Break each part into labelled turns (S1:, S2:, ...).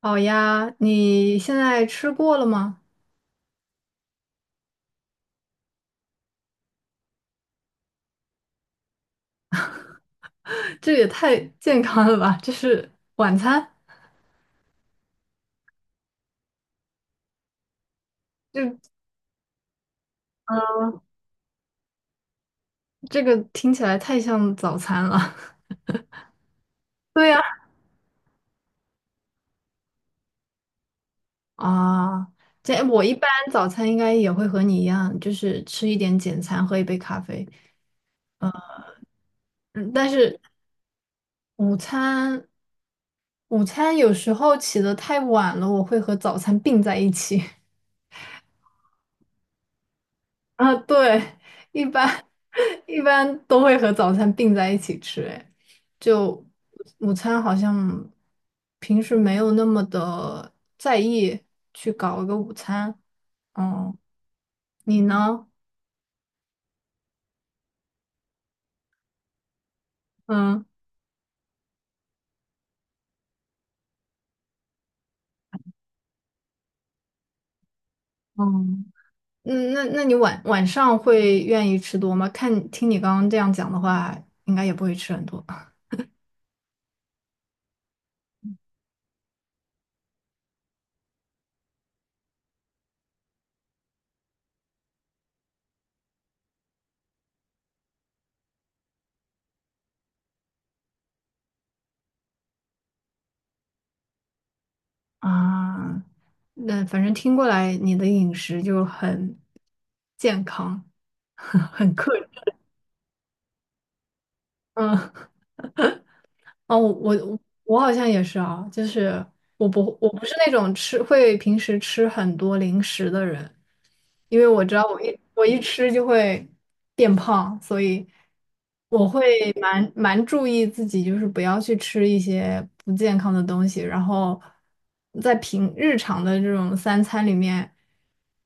S1: 好呀，你现在吃过了吗？这也太健康了吧！这是晚餐。这个听起来太像早餐了。对呀。啊，这我一般早餐应该也会和你一样，就是吃一点简餐，喝一杯咖啡。嗯，但是午餐，午餐有时候起得太晚了，我会和早餐并在一起。啊，对，一般 一般都会和早餐并在一起吃。哎，就午餐好像平时没有那么的在意去搞一个午餐。哦，你呢？嗯嗯那你晚上会愿意吃多吗？听你刚刚这样讲的话，应该也不会吃很多啊。那反正听过来，你的饮食就很健康，很克制。嗯哦，我好像也是啊，就是我不是那种会平时吃很多零食的人，因为我知道我一吃就会变胖，所以我会蛮注意自己，就是不要去吃一些不健康的东西，然后在平日常的这种三餐里面，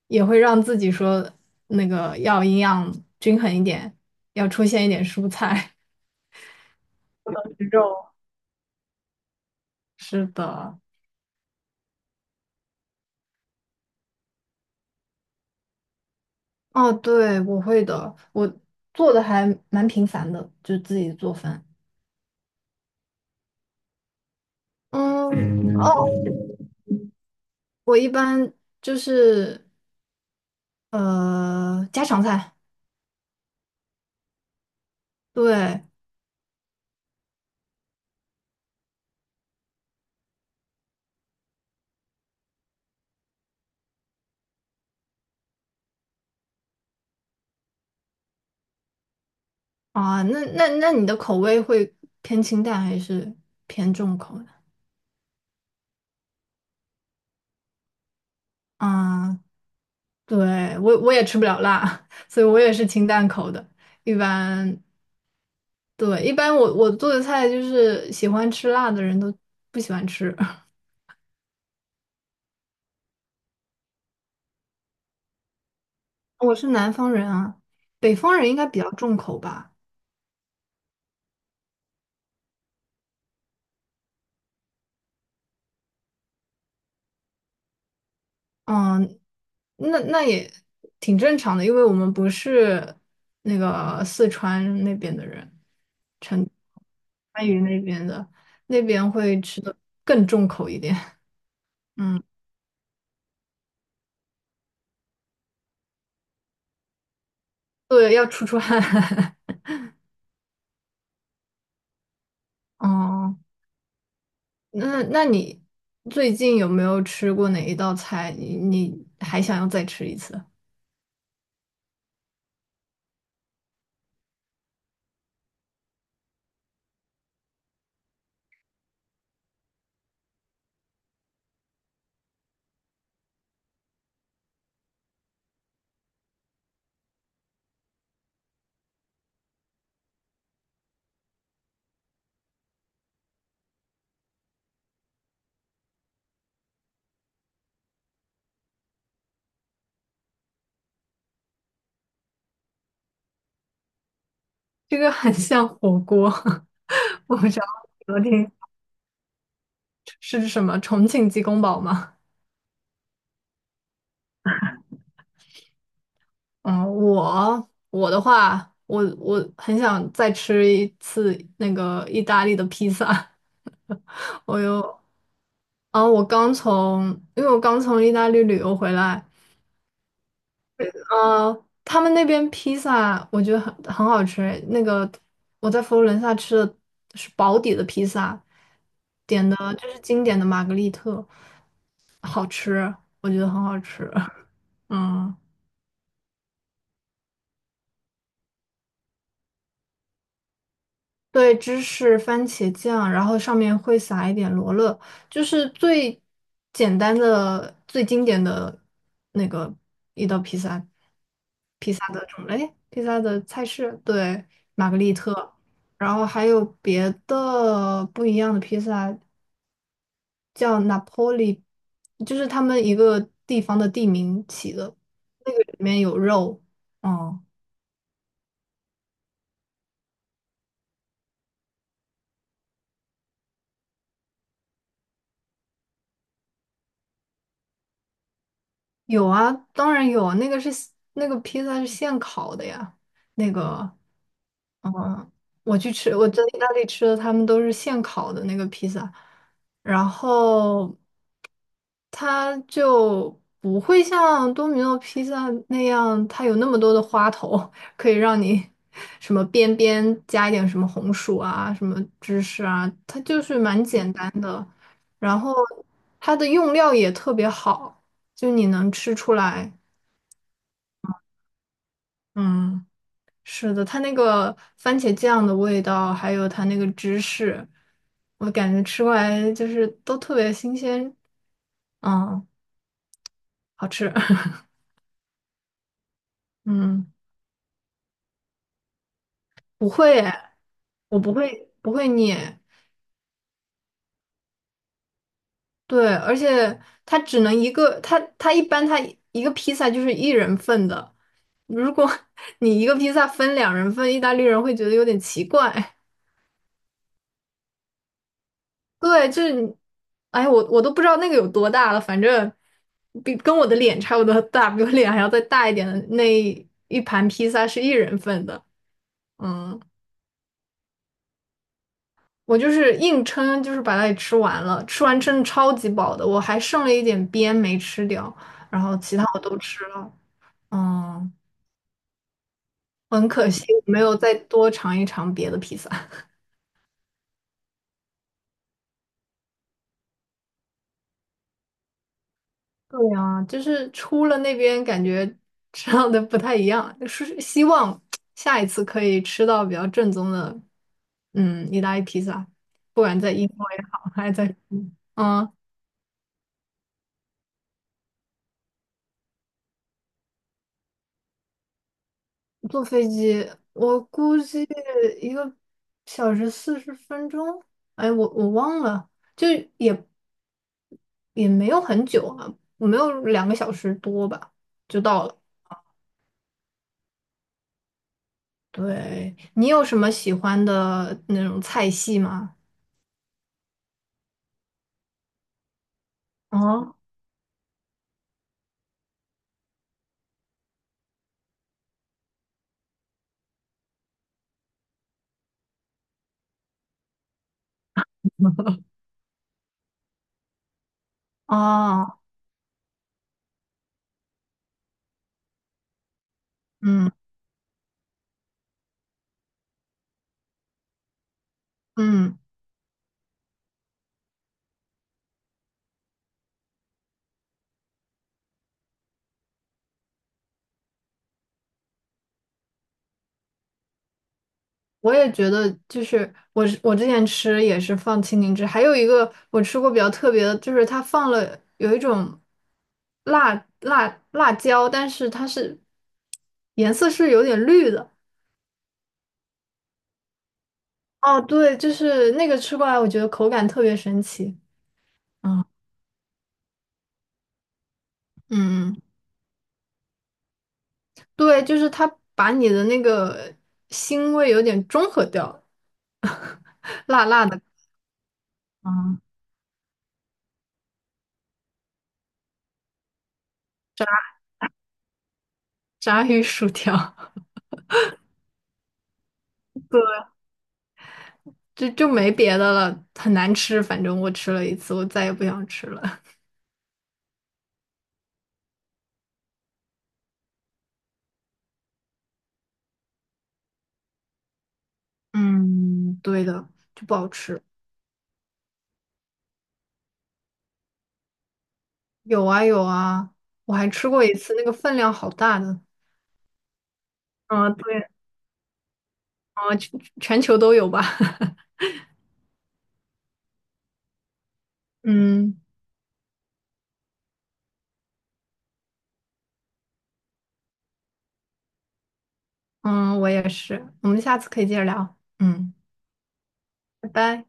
S1: 也会让自己说那个要营养均衡一点，要出现一点蔬菜。肉，是的。哦，对，我会的，我做的还蛮频繁的，就自己做饭。嗯，哦，我一般就是家常菜。对啊，那你的口味会偏清淡还是偏重口的？啊，对，我也吃不了辣，所以我也是清淡口的。一般对，一般我做的菜就是喜欢吃辣的人都不喜欢吃。我是南方人啊，北方人应该比较重口吧。嗯，那也挺正常的，因为我们不是那个四川那边的人，川渝那边的，那边会吃的更重口一点。嗯，对，要出汗。哦，那你最近有没有吃过哪一道菜？你还想要再吃一次？这个很像火锅。我不知道昨天是什么重庆鸡公煲吗？嗯，我的话，我很想再吃一次那个意大利的披萨。我有，啊，我刚从，因为我刚从意大利旅游回来，他们那边披萨我觉得很好吃。那个我在佛罗伦萨吃的是薄底的披萨，点的就是经典的玛格丽特，好吃，我觉得很好吃。嗯。对，芝士、番茄酱，然后上面会撒一点罗勒，就是最简单的、最经典的那个一道披萨，披萨的种类，披萨的菜式，对，玛格丽特，然后还有别的不一样的披萨，叫 Napoli，就是他们一个地方的地名起的，那个里面有肉，嗯，有啊，当然有啊，那个披萨是现烤的呀，那个。嗯，我去吃，我在意大利吃的，他们都是现烤的那个披萨，然后它就不会像多米诺披萨那样，它有那么多的花头，可以让你什么边边加一点什么红薯啊，什么芝士啊，它就是蛮简单的，然后它的用料也特别好，就你能吃出来。嗯，是的，它那个番茄酱的味道，还有它那个芝士，我感觉吃过来就是都特别新鲜，嗯，好吃。嗯，不会哎。我不会捏。对，而且它只能一个，它一般一个披萨就是一人份的，如果 你一个披萨分两人份，意大利人会觉得有点奇怪。对，就是你，哎，我都不知道那个有多大了，反正跟我的脸差不多大，比我脸还要再大一点的那一盘披萨是一人份的。嗯，我就是硬撑，就是把它给吃完了，吃完真的超级饱的，我还剩了一点边没吃掉，然后其他我都吃了。嗯，很可惜我没有再多尝一尝别的披萨。对呀，就是出了那边感觉吃到的不太一样，是希望下一次可以吃到比较正宗的，嗯，意大利披萨，不管在英国也好，还是在，嗯，坐飞机，我估计1个小时40分钟，哎，我忘了，就也也没有很久啊，没有2个小时多吧，就到了。对，你有什么喜欢的那种菜系吗？哦，哦，嗯嗯，我也觉得，就是我之前吃也是放青柠汁，还有一个我吃过比较特别的，就是它放了有一种辣辣辣椒，但是颜色是有点绿的。哦，对，就是那个吃过来，我觉得口感特别神奇。嗯嗯，嗯，对，就是它把你的那个腥味有点中和掉了，辣辣的炸鱼薯条。就没别的了，很难吃。反正我吃了一次，我再也不想吃了。嗯，对的，就不好吃。有啊有啊，我还吃过一次，那个分量好大的。嗯，对，啊，全球都有吧？嗯嗯，我也是。我们下次可以接着聊。嗯，拜拜。